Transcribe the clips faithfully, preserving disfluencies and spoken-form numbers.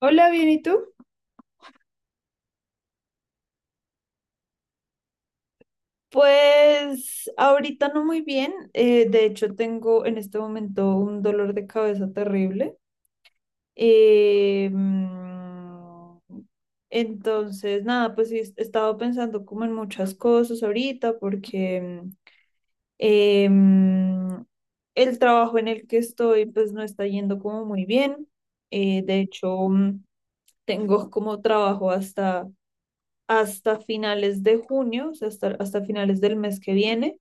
Hola, bien, ¿y tú? Pues ahorita no muy bien. Eh, de hecho, tengo en este momento un dolor de cabeza terrible. eh, mm, entonces, nada, pues sí, he estado pensando como en muchas cosas ahorita porque eh, mm, el trabajo en el que estoy pues no está yendo como muy bien. Eh, de hecho, mm, tengo como trabajo hasta hasta finales de junio, o sea, hasta, hasta finales del mes que viene.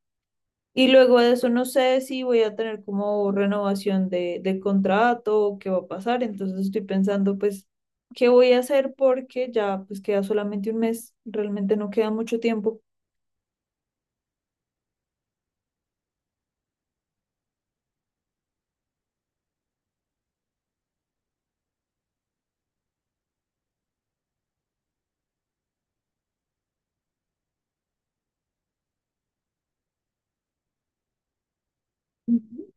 Y luego de eso no sé si voy a tener como renovación de, de contrato o qué va a pasar. Entonces estoy pensando pues qué voy a hacer porque ya pues queda solamente un mes, realmente no queda mucho tiempo. Ujú.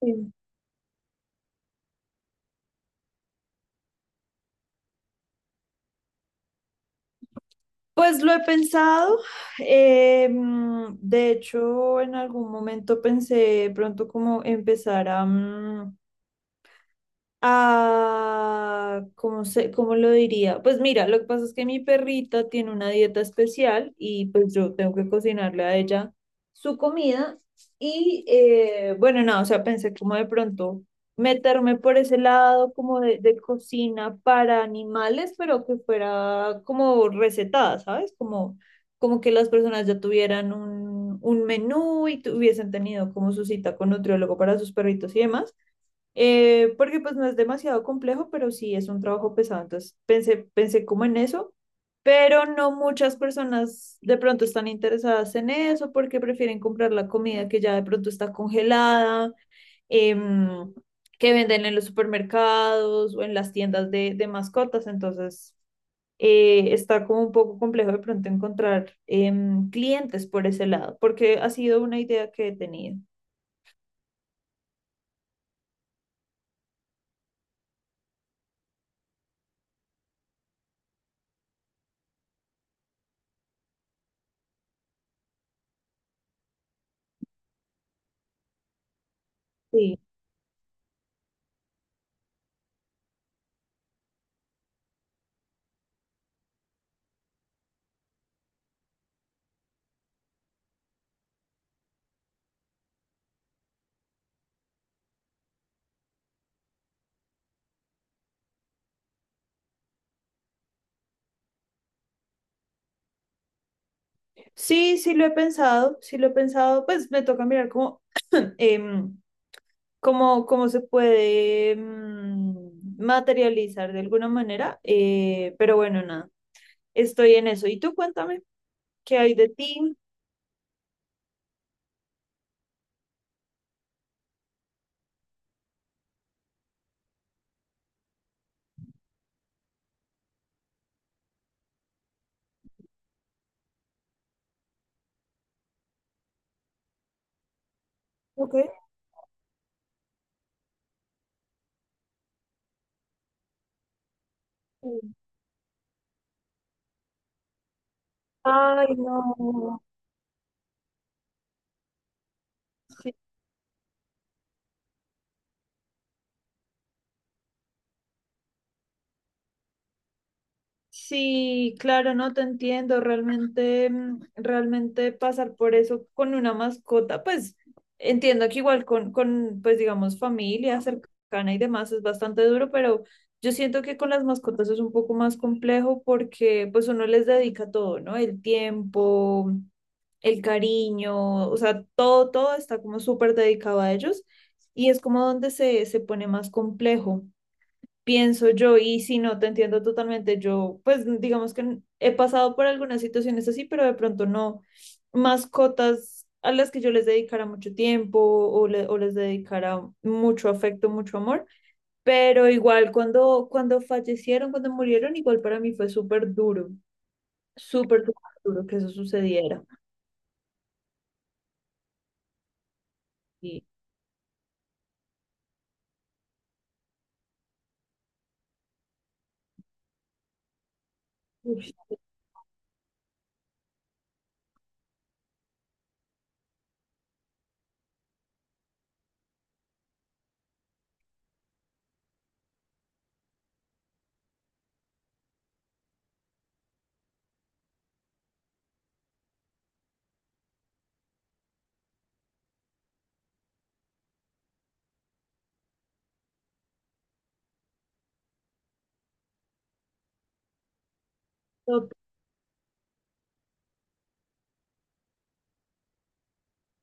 Sí. Pues lo he pensado. Eh, mm, de hecho, en algún momento pensé pronto como empezar a, mm, ah, ¿cómo se, cómo lo diría? Pues mira, lo que pasa es que mi perrita tiene una dieta especial y pues yo tengo que cocinarle a ella su comida. Y eh, bueno, nada, o sea, pensé como de pronto meterme por ese lado como de, de cocina para animales, pero que fuera como recetada, ¿sabes? Como, como que las personas ya tuvieran un, un menú y tuviesen tenido como su cita con nutriólogo para sus perritos y demás. Eh, porque pues no es demasiado complejo, pero sí es un trabajo pesado. Entonces pensé, pensé como en eso, pero no muchas personas de pronto están interesadas en eso porque prefieren comprar la comida que ya de pronto está congelada, em, que venden en los supermercados o en las tiendas de, de mascotas. Entonces eh, está como un poco complejo de pronto encontrar em, clientes por ese lado, porque ha sido una idea que he tenido. Sí. Sí. Sí, lo he pensado, sí lo he pensado, pues me toca mirar cómo, em, cómo, cómo se puede mm, materializar de alguna manera, eh, pero bueno, nada, estoy en eso. Y tú cuéntame, ¿qué hay de ti? Okay. Ay, no. Sí, claro, no te entiendo. Realmente, mm, realmente pasar por eso con una mascota, pues entiendo que igual con, con, pues digamos, familia cercana y demás es bastante duro, pero yo siento que con las mascotas es un poco más complejo porque pues uno les dedica todo, ¿no? El tiempo, el cariño, o sea, todo, todo está como súper dedicado a ellos y es como donde se, se pone más complejo pienso yo, y si no, te entiendo totalmente. Yo, pues, digamos que he pasado por algunas situaciones así, pero de pronto no mascotas a las que yo les dedicara mucho tiempo o, le- o les dedicara mucho afecto, mucho amor. Pero igual cuando, cuando fallecieron, cuando murieron, igual para mí fue súper duro, súper, súper duro que eso sucediera. Y, uf,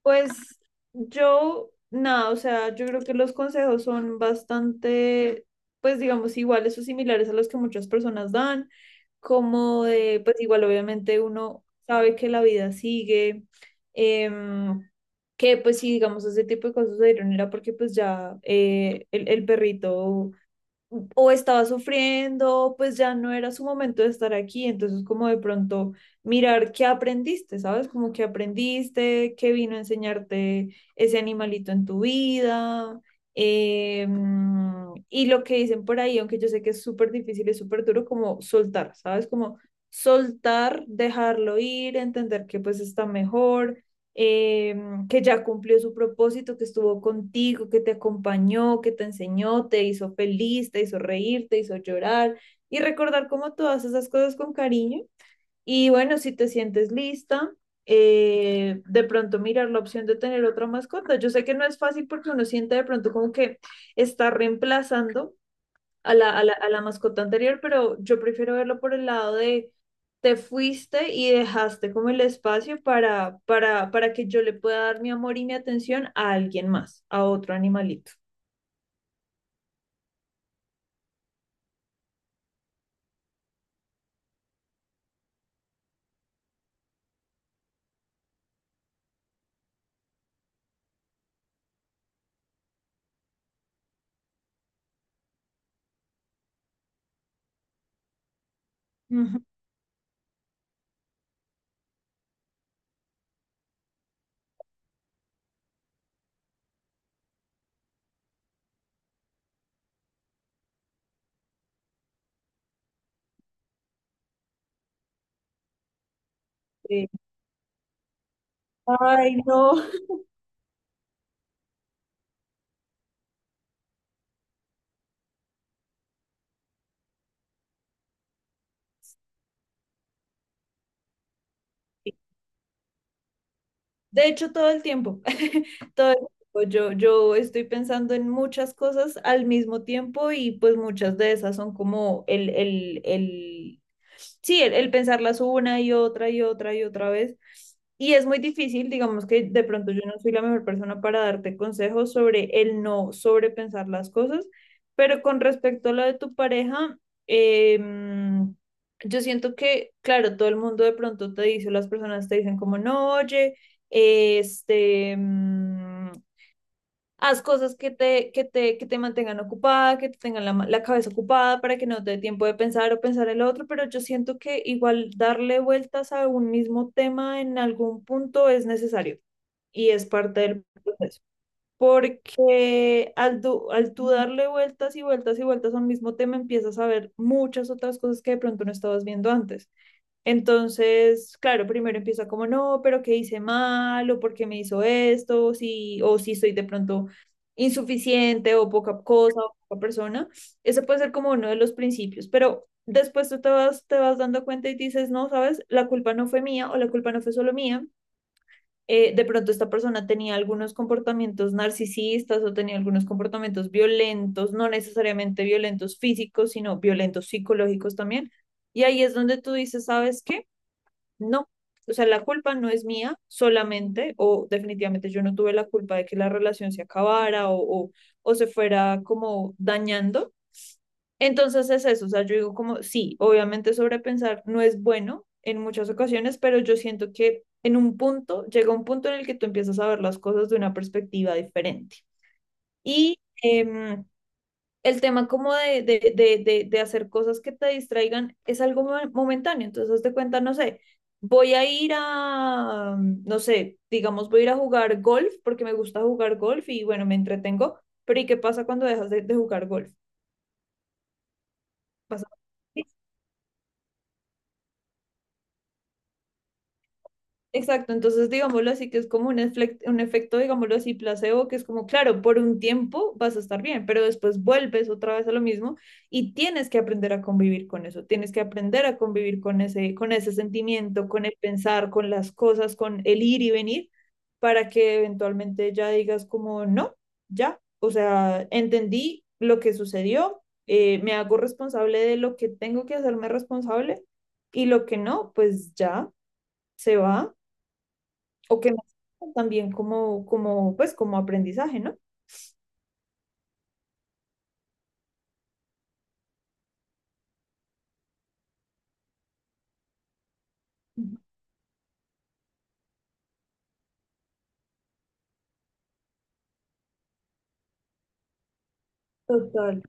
pues yo, nada, o sea, yo creo que los consejos son bastante, pues digamos, iguales o similares a los que muchas personas dan, como de, pues igual obviamente uno sabe que la vida sigue, em, que pues sí, digamos, ese tipo de cosas se dieron era porque pues ya eh, el, el perrito o estaba sufriendo, pues ya no era su momento de estar aquí, entonces como de pronto mirar qué aprendiste, ¿sabes? Como qué aprendiste, qué vino a enseñarte ese animalito en tu vida. eh, y lo que dicen por ahí, aunque yo sé que es súper difícil, es súper duro, como soltar, ¿sabes? Como soltar, dejarlo ir, entender que pues está mejor, em, que ya cumplió su propósito, que estuvo contigo, que te acompañó, que te enseñó, te hizo feliz, te hizo reír, te hizo llorar y recordar como todas esas cosas con cariño. Y bueno, si te sientes lista, eh, de pronto mirar la opción de tener otra mascota. Yo sé que no es fácil porque uno siente de pronto como que está reemplazando a la, a la, a la mascota anterior, pero yo prefiero verlo por el lado de te fuiste y dejaste como el espacio para, para, para que yo le pueda dar mi amor y mi atención a alguien más, a otro animalito. Ujú. Eh, Ay, no. De hecho, todo el tiempo, todo el tiempo, yo, yo estoy pensando en muchas cosas al mismo tiempo y pues muchas de esas son como el, el, el, sí, el, el pensarlas una y otra y otra y otra vez. Y es muy difícil, digamos que de pronto yo no soy la mejor persona para darte consejos sobre el no sobrepensar las cosas, pero con respecto a lo de tu pareja, eh, yo siento que, claro, todo el mundo de pronto te dice, o las personas te dicen como, no, oye, este, mm, haz cosas que te, que te, que te mantengan ocupada, que te tengan la, la cabeza ocupada para que no te dé tiempo de pensar o pensar el otro, pero yo siento que igual darle vueltas a un mismo tema en algún punto es necesario y es parte del proceso. Porque al, du- al tú darle vueltas y vueltas y vueltas a un mismo tema, empiezas a ver muchas otras cosas que de pronto no estabas viendo antes. Entonces, claro, primero empieza como, no, pero ¿qué hice mal? ¿O por qué me hizo esto? Si, o si soy de pronto insuficiente o poca cosa o poca persona. Ese puede ser como uno de los principios, pero después tú te vas, te vas dando cuenta y dices, no, sabes, la culpa no fue mía o la culpa no fue solo mía. Eh, de pronto esta persona tenía algunos comportamientos narcisistas o tenía algunos comportamientos violentos, no necesariamente violentos físicos, sino violentos psicológicos también. Y ahí es donde tú dices, ¿sabes qué? No, o sea, la culpa no es mía solamente, o definitivamente yo no tuve la culpa de que la relación se acabara o, o, o se fuera como dañando. Entonces es eso, o sea, yo digo como, sí, obviamente sobrepensar no es bueno en muchas ocasiones, pero yo siento que en un punto, llega un punto en el que tú empiezas a ver las cosas de una perspectiva diferente. Y em, el tema como de, de, de, de, de hacer cosas que te distraigan es algo momentáneo. Entonces, hazte cuenta, no sé, voy a ir a, no sé, digamos, voy a ir a jugar golf porque me gusta jugar golf y bueno, me entretengo, pero ¿y qué pasa cuando dejas de, de jugar golf? Pasa- Exacto, entonces digámoslo así, que es como un, eflec- un efecto, digámoslo así, placebo, que es como, claro, por un tiempo vas a estar bien, pero después vuelves otra vez a lo mismo y tienes que aprender a convivir con eso, tienes que aprender a convivir con ese, con ese sentimiento, con el pensar, con las cosas, con el ir y venir, para que eventualmente ya digas como, no, ya, o sea, entendí lo que sucedió, eh, me hago responsable de lo que tengo que hacerme responsable y lo que no, pues ya se va o que me sirvan también como, como, pues, como aprendizaje, ¿no? Ujú. Total.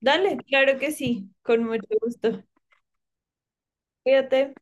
Dale, claro que sí, con mucho gusto. Cuídate.